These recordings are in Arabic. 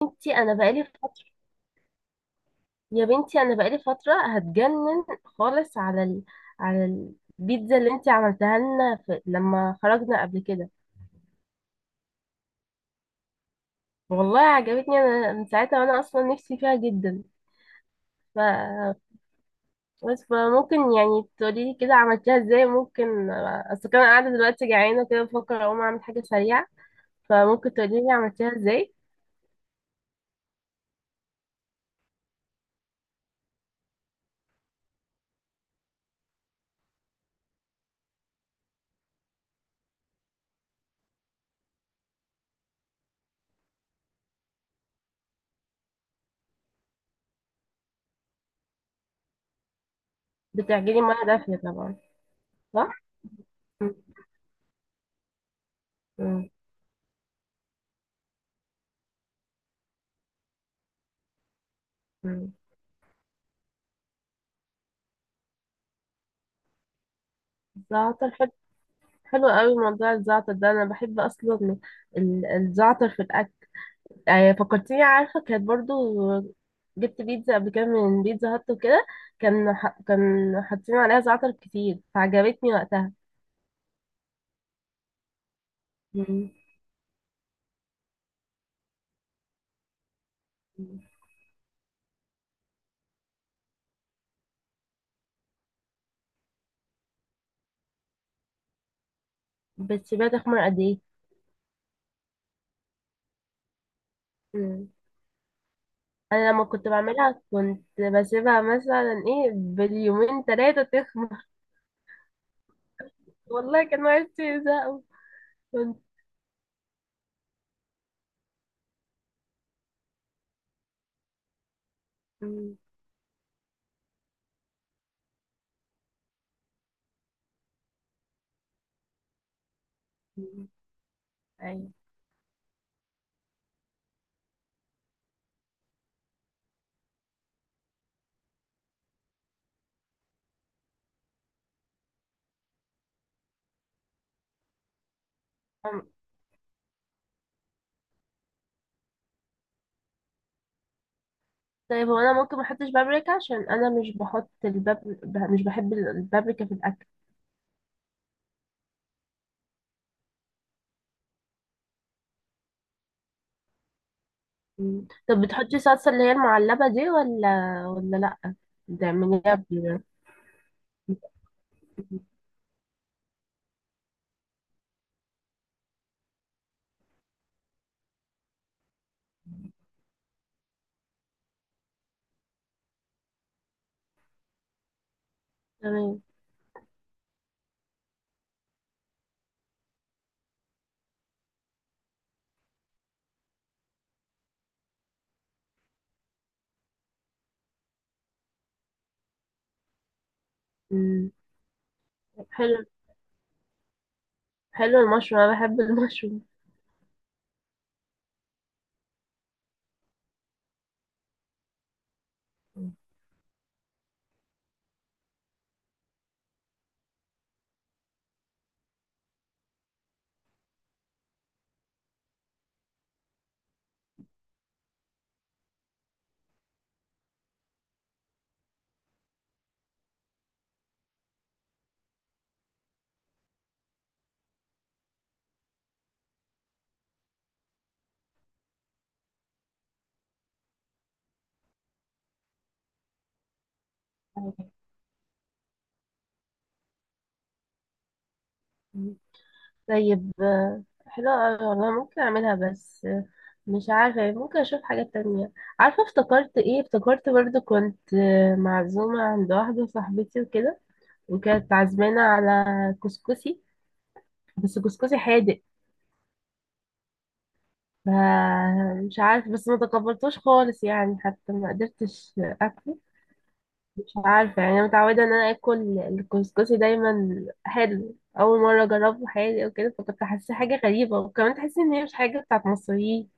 بنتي انا بقالي فتره. يا بنتي انا بقالي فتره هتجنن خالص على البيتزا اللي انتي عملتها لنا لما خرجنا قبل كده. والله عجبتني انا من ساعتها وانا اصلا نفسي فيها جدا. ف بس فممكن يعني تقولي لي كده عملتيها ازاي؟ ممكن اصل كان قاعده دلوقتي جعانه كده بفكر اقوم اعمل حاجه سريعه، فممكن تقولي لي عملتيها ازاي؟ بتعجني ميه دافيه طبعا، صح؟ م- م- م. ده حلو قوي موضوع الزعتر ده، انا بحب اصلا الزعتر في الاكل. آه، فكرتيني، عارفه كانت برضو جبت بيتزا قبل كده من بيتزا هات وكده، كان حاطين عليها زعتر كتير فعجبتني وقتها. مم. بتسيبها تخمر قد ايه؟ مم. انا لما كنت بعملها كنت بسيبها مثلا ايه باليومين ثلاثه تخمر. والله كان وقتي زهق. كنت مم. مم. أيوة. طيب هو انا ممكن ما احطش بابريكا؟ عشان انا مش بحط مش بحب البابريكا في الاكل. مم. طب بتحطي صلصه اللي هي المعلبه دي ولا لا؟ بتعمليها ب- تمام. مم. حلو. حلو المشروم، انا بحب المشروم. مم. طيب آه، حلو أوي والله، ممكن اعملها. بس آه، مش عارفه، ممكن اشوف حاجه تانية. عارفه افتكرت ايه؟ افتكرت برضو كنت آه، معزومه عند واحده صاحبتي وكده، وكانت عازمانه على كسكسي بس جوزجوزي حادق. ف- مش عارف، بس ما تقبلتوش خالص يعني، حتى ما قدرتش اكله. مش عارفه يعني، انا متعوده ان انا اكل الكسكسي دايما حلو. اول مره اجربه حادق وكده، فكنت حاسه حاجه غريبه، وكمان تحسي ان هي مش حاجه بتاعت مصريين.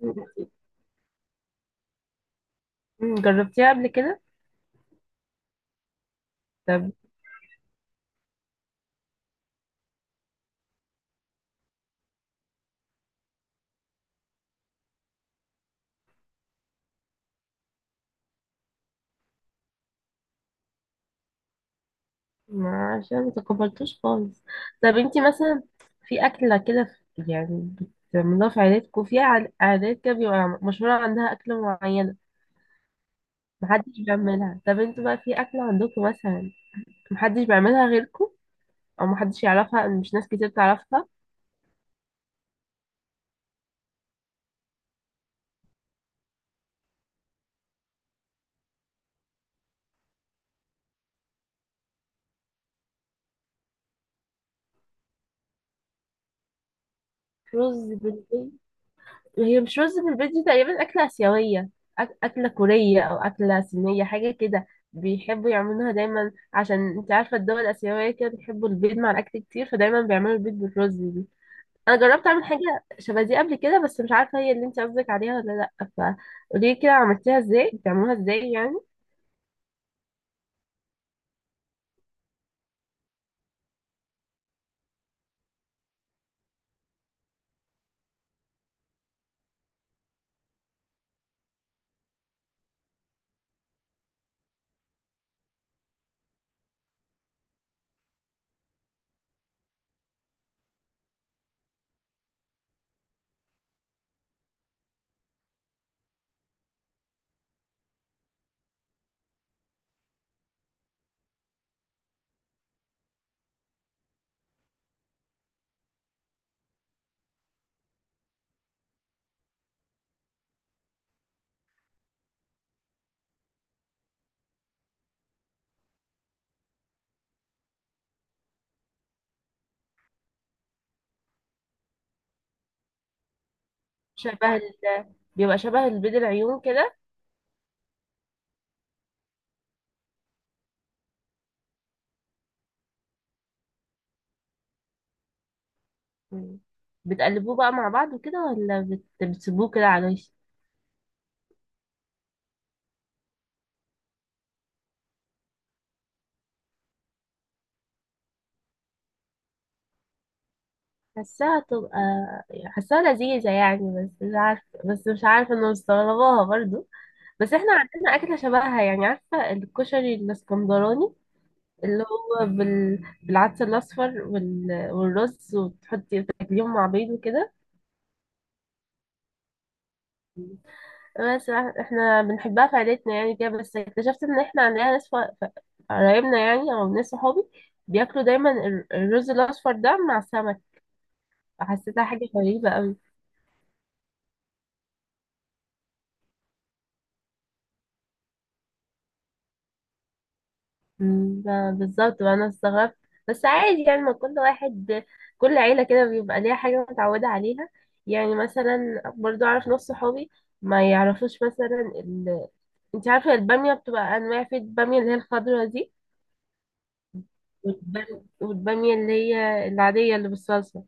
م- جربتيها قبل كده؟ طب. ما عشان ما تقبلتوش خالص. طب انتي مثلا في اكله كده يعني بتعملوها في عيلتكم، في عادات كده بيبقى مشهوره عندها اكله معينه محدش بيعملها؟ طب انتوا بقى في أكلة عندكم مثلا محدش بيعملها غيركم، أو محدش يعرفها، أو مش ناس كتير تعرفها؟ رز بالبيت؟ هي مش رز بالبيت دي تقريبا أكلة آسيوية، أكلة كورية أو أكلة صينية حاجة كده. بيحبوا يعملوها دايما عشان انت عارفة الدول الآسيوية كده بيحبوا البيض مع الأكل كتير، فدايما بيعملوا البيض بالرز دي. أنا جربت أعمل حاجة شبه دي قبل كده، بس مش عارفة هي اللي انت قصدك عليها ولا لأ. فقولي كده عملتيها ازاي، بتعملوها ازاي يعني؟ شبه ال... بيبقى شبه البيض العيون كده؟ مم. بتقلبوه بقى مع بعض وكده ولا بتسيبوه كده على الوش؟ حاساها تبقى يعني حاساها لذيذة يعني، بس مش عارفة، بس مش عارفة انه مستغرباها برضو. بس احنا عندنا أكلة شبهها، يعني عارفة الكشري الاسكندراني اللي هو بالعدس الأصفر والرز، وتحطي تاكليهم مع بيض وكده. بس احنا بنحبها في عيلتنا يعني كده، بس اكتشفت ان احنا عندنا ناس ف- قرايبنا يعني او ناس صحابي بياكلوا دايما الرز الاصفر ده مع السمك. فحسيتها حاجه غريبه قوي. مم، بالظبط بقى انا استغربت. بس عادي يعني، ما كل واحد، كل عيله كده بيبقى ليها حاجه متعوده عليها. يعني مثلا برضو اعرف ناس صحابي ما يعرفوش مثلا انت عارفه الباميه بتبقى انواع؟ في الباميه اللي هي الخضرا دي، والباميه اللي هي العاديه اللي بالصلصه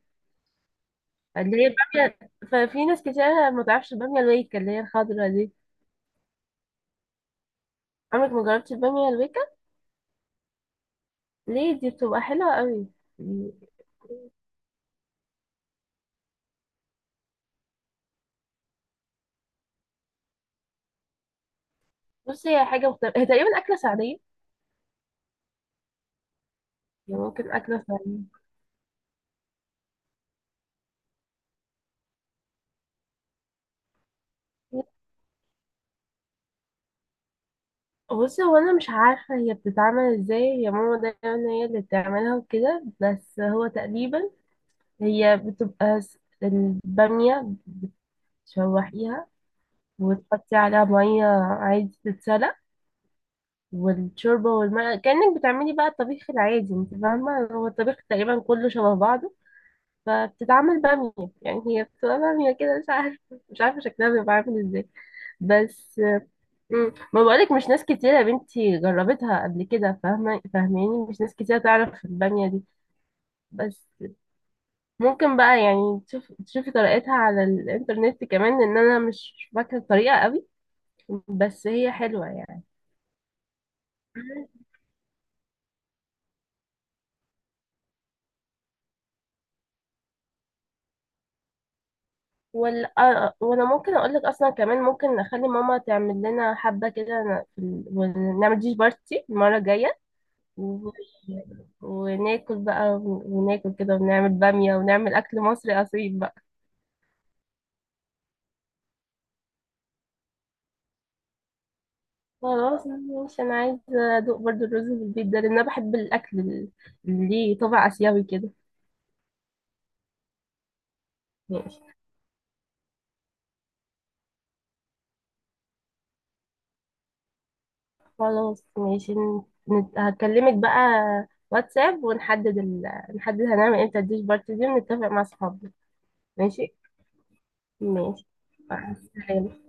اللي هي البامية. ففي ناس كتير ما تعرفش البامية الويكة اللي هي الخضرا دي. عمرك ما جربتي البامية الويكة؟ ليه؟ دي بتبقى حلوة قوي. بصي هي حاجة مختلفة، هي تقريبا أكلة سعودية. هي ممكن أكلة سعودية. بصي هو أنا مش عارفة هي بتتعمل ازاي، هي ماما دايما هي اللي بتعملها وكده، بس هو تقريبا هي بتبقى البامية بتشوحيها وتحطي عليها مية عادي تتسلق، والشوربة والماء كأنك بتعملي بقى الطبيخ العادي، انت فاهمة هو الطبيخ تقريبا كله شبه بعضه، فبتتعمل بامية. يعني هي بتبقى بامية كده، مش عارفة، مش عارفة شكلها بيبقى عامل ازاي بس. مم. ما بقولك مش ناس كتيرة يا بنتي جربتها قبل كده، فاهمة فاهماني؟ مش ناس كتيرة تعرف البامية دي. بس ممكن بقى يعني تشوف، تشوفي طريقتها على الإنترنت كمان، لأن أنا مش فاكرة الطريقة قوي، بس هي حلوة يعني. آه، آه، وانا ممكن اقول لك اصلا كمان ممكن نخلي ماما تعمل لنا حبه كده ونعمل ديش بارتي المره الجايه، و... وناكل بقى، وناكل كده ونعمل باميه ونعمل اكل مصري اصيل بقى. خلاص ماشي، انا عايزه ادوق برضو الرز بالبيت ده، لان انا بحب الاكل اللي ليه طابع اسيوي كده. ماشي، خلاص ماشي، هكلمك بقى واتساب ونحدد نحدد هنعمل امتى الديش بارتي دي ونتفق مع اصحابنا. ماشي. ماشي، مع السلامة.